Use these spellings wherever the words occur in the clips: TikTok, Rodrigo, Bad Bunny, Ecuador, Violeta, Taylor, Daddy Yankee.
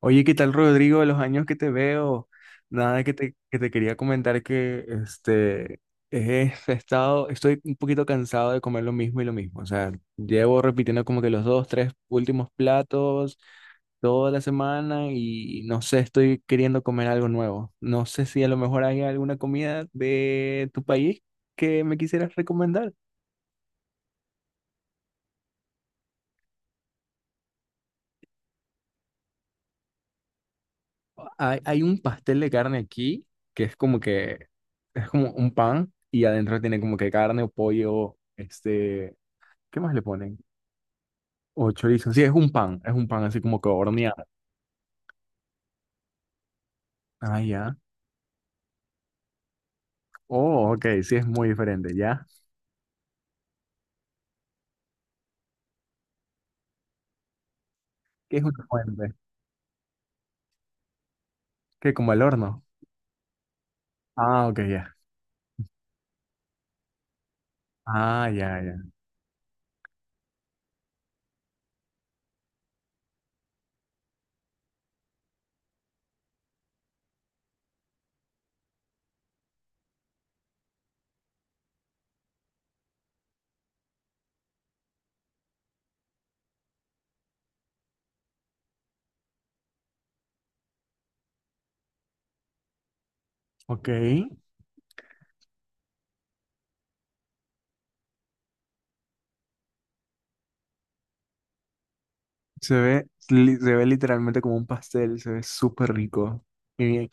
Oye, ¿qué tal, Rodrigo? De los años que te veo, nada que te quería comentar he estoy un poquito cansado de comer lo mismo y lo mismo. O sea, llevo repitiendo como que los dos, tres últimos platos toda la semana y no sé, estoy queriendo comer algo nuevo. No sé si a lo mejor hay alguna comida de tu país que me quisieras recomendar. Hay un pastel de carne aquí que es como un pan y adentro tiene como que carne o pollo, ¿qué más le ponen? O chorizo. Sí, es un pan así como que horneado. Ah, ya. Oh, ok, sí es muy diferente, ¿ya? ¿Qué es un fuente? ¿Qué como el horno? Ah, ok, ya. Ah, ya, ya. Ok. Se ve, se ve literalmente como un pastel, se ve súper rico. Y-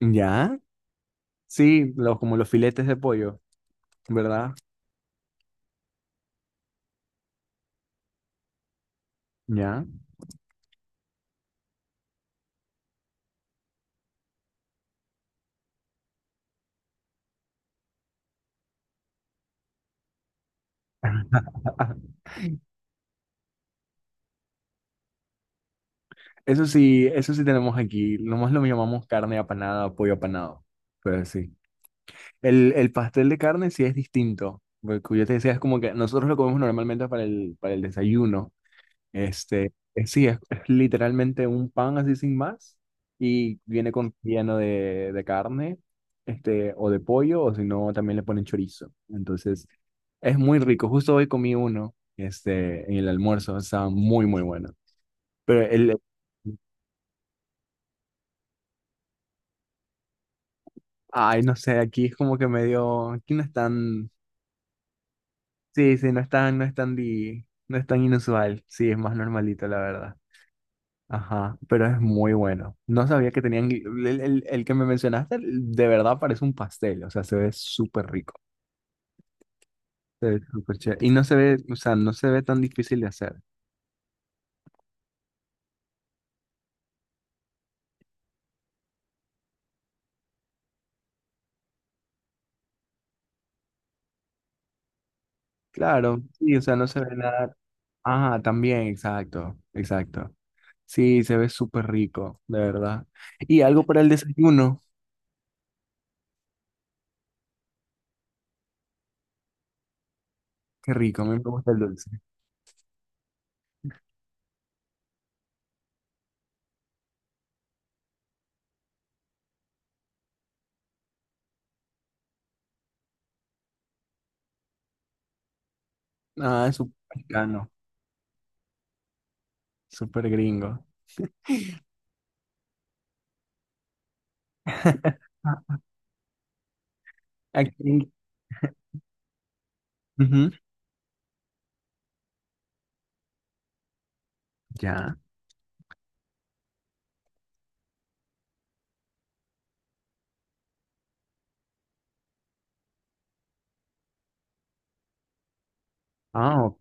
¿Ya? Sí, los, como los filetes de pollo, ¿verdad? ¿Ya? Eso sí tenemos aquí. Nomás lo llamamos carne apanada, pollo apanado. Pero sí. El pastel de carne sí es distinto. Porque como yo te decía, es como que nosotros lo comemos normalmente para para el desayuno. Sí, es literalmente un pan así sin más. Y viene con relleno de carne, este, o de pollo, o si no, también le ponen chorizo. Entonces, es muy rico. Justo hoy comí uno, en el almuerzo. Estaba muy, muy bueno. Pero el, ay, no sé, aquí es como que medio, aquí no es tan, sí, sí, no es tan, no es tan inusual, sí, es más normalito, la verdad. Ajá, pero es muy bueno. No sabía que tenían, el que me mencionaste, de verdad parece un pastel, o sea, se ve súper rico, se ve súper chévere. Y no se ve, o sea, no se ve tan difícil de hacer. Claro, sí, o sea, no se ve nada. Ah, también, exacto, exacto. Sí, se ve súper rico, de verdad. Y algo para el desayuno, qué rico, a mí me gusta el dulce. Ah, es súper mexicano, súper gringo. Ah, aquí. Ujú, ya. Ah, ok.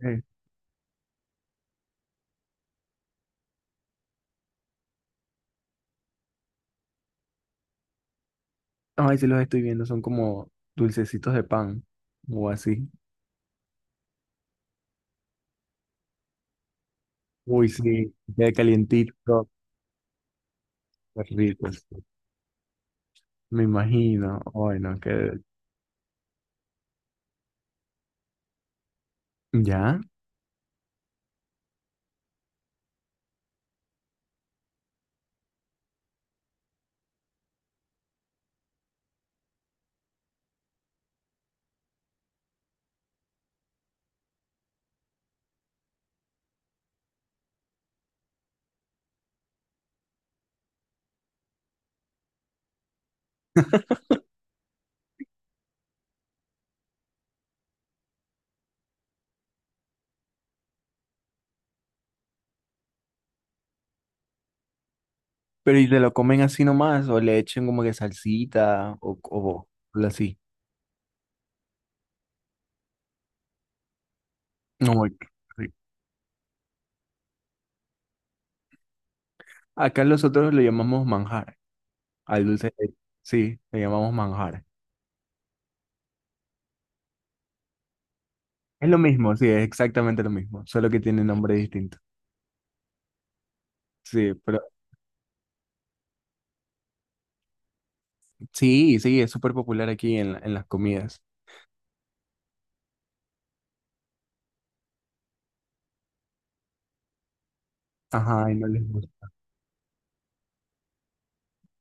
Ay, sí los estoy viendo, son como dulcecitos de pan o así. Uy, sí, queda calientito, qué rico. Me imagino. Ay, no, que. Ya. Pero ¿y te lo comen así nomás o le echen como que salsita o así? No, ay, qué rico. Acá nosotros lo llamamos manjar. Al leche, sí, le llamamos manjar. Es lo mismo, sí, es exactamente lo mismo, solo que tiene nombre distinto. Sí, pero sí, sí, es súper popular aquí en las comidas. Ajá, y no les gusta.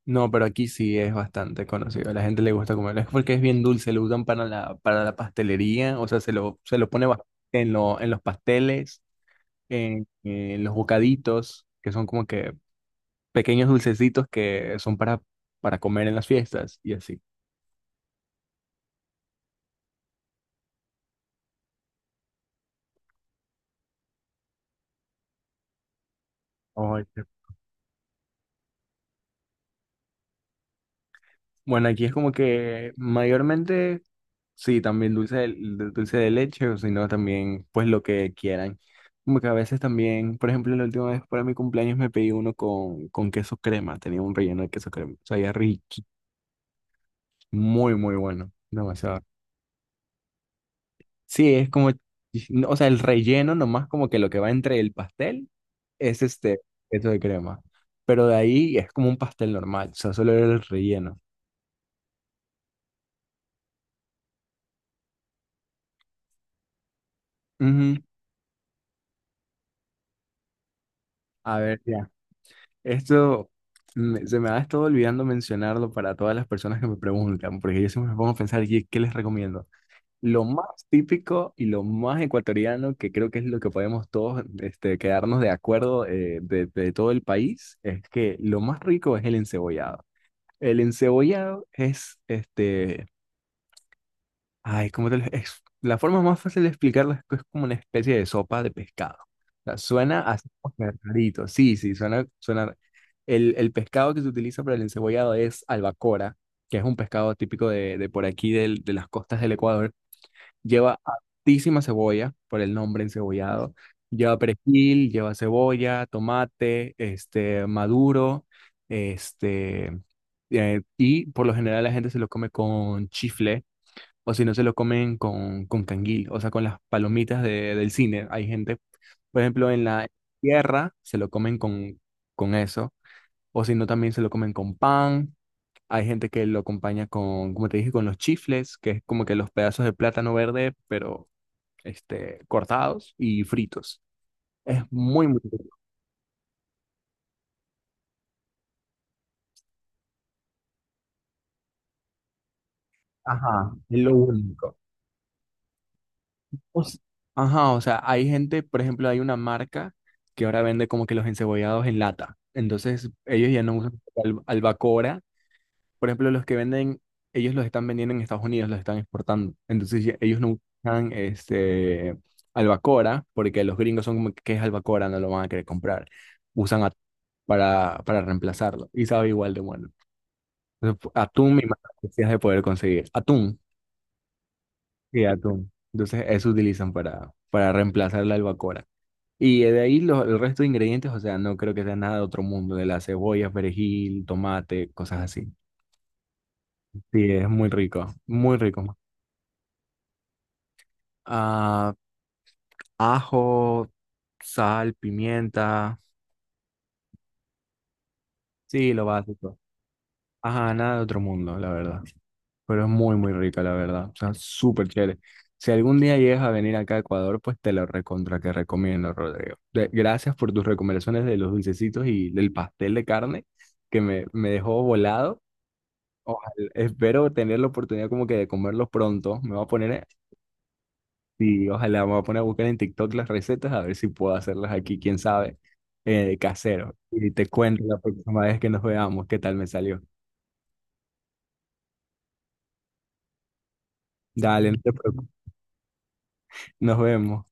No, pero aquí sí es bastante conocido. A la gente le gusta comerlo. Es porque es bien dulce, lo usan para para la pastelería, o sea, se lo pone en los pasteles, en los bocaditos, que son como que pequeños dulcecitos que son para comer en las fiestas y así. Bueno, aquí es como que mayormente, sí, también dulce dulce de leche, o si no, también pues lo que quieran. Como que a veces también, por ejemplo, la última vez para mi cumpleaños me pedí uno con queso crema, tenía un relleno de queso crema, sabía rico, muy, muy bueno, demasiado. Sí, es como, no, o sea, el relleno nomás como que lo que va entre el pastel es queso de crema, pero de ahí es como un pastel normal, o sea, solo era el relleno. Ujú. A ver, ya. Esto se me ha estado olvidando mencionarlo para todas las personas que me preguntan, porque yo siempre me pongo a pensar, "¿Y qué les recomiendo?". Lo más típico y lo más ecuatoriano, que creo que es lo que podemos todos quedarnos de acuerdo de todo el país, es que lo más rico es el encebollado. El encebollado es ay, como te lo la forma más fácil de explicarla es que es como una especie de sopa de pescado. O sea, suena así como que rarito. Sí, sí, suena, suena. El pescado que se utiliza para el encebollado es albacora, que es un pescado típico de por aquí, de las costas del Ecuador. Lleva altísima cebolla, por el nombre encebollado. Lleva perejil, lleva cebolla, tomate, este, maduro, este, y por lo general la gente se lo come con chifle o si no se lo comen con canguil, o sea, con las palomitas del cine. Hay gente, por ejemplo, en la tierra se lo comen con eso, o si no también se lo comen con pan. Hay gente que lo acompaña con, como te dije, con los chifles, que es como que los pedazos de plátano verde, pero cortados y fritos. Es muy, muy rico. Ajá, es lo único. O s- Ajá, o sea, hay gente, por ejemplo, hay una marca que ahora vende como que los encebollados en lata. Entonces, ellos ya no usan albacora. Por ejemplo, los que venden, ellos los están vendiendo en Estados Unidos, los están exportando. Entonces, ellos no usan albacora porque los gringos son como que "¿Qué es albacora?", no lo van a querer comprar. Usan atún para reemplazarlo y sabe igual de bueno. Entonces, atún, me imagino que sí has de poder conseguir. Atún, sí, atún. Entonces, eso utilizan para reemplazar la albacora. Y de ahí el resto de ingredientes, o sea, no creo que sea nada de otro mundo, de la cebolla, perejil, tomate, cosas así. Sí, es muy rico, muy rico. Ah, ajo, sal, pimienta, sí, lo básico. Ajá, nada de otro mundo, la verdad. Pero es muy, muy rica, la verdad. O sea, súper chévere. Si algún día llegas a venir acá a Ecuador, pues te lo recontra que recomiendo, Rodrigo. De- gracias por tus recomendaciones de los dulcecitos y del pastel de carne, que me dejó volado. Ojalá, espero tener la oportunidad como que de comerlos pronto. Me voy a poner, sí, ojalá me voy a poner a buscar en TikTok las recetas a ver si puedo hacerlas aquí, quién sabe, casero. Y te cuento la próxima vez que nos veamos qué tal me salió. Dale, no te preocupes. Nos vemos.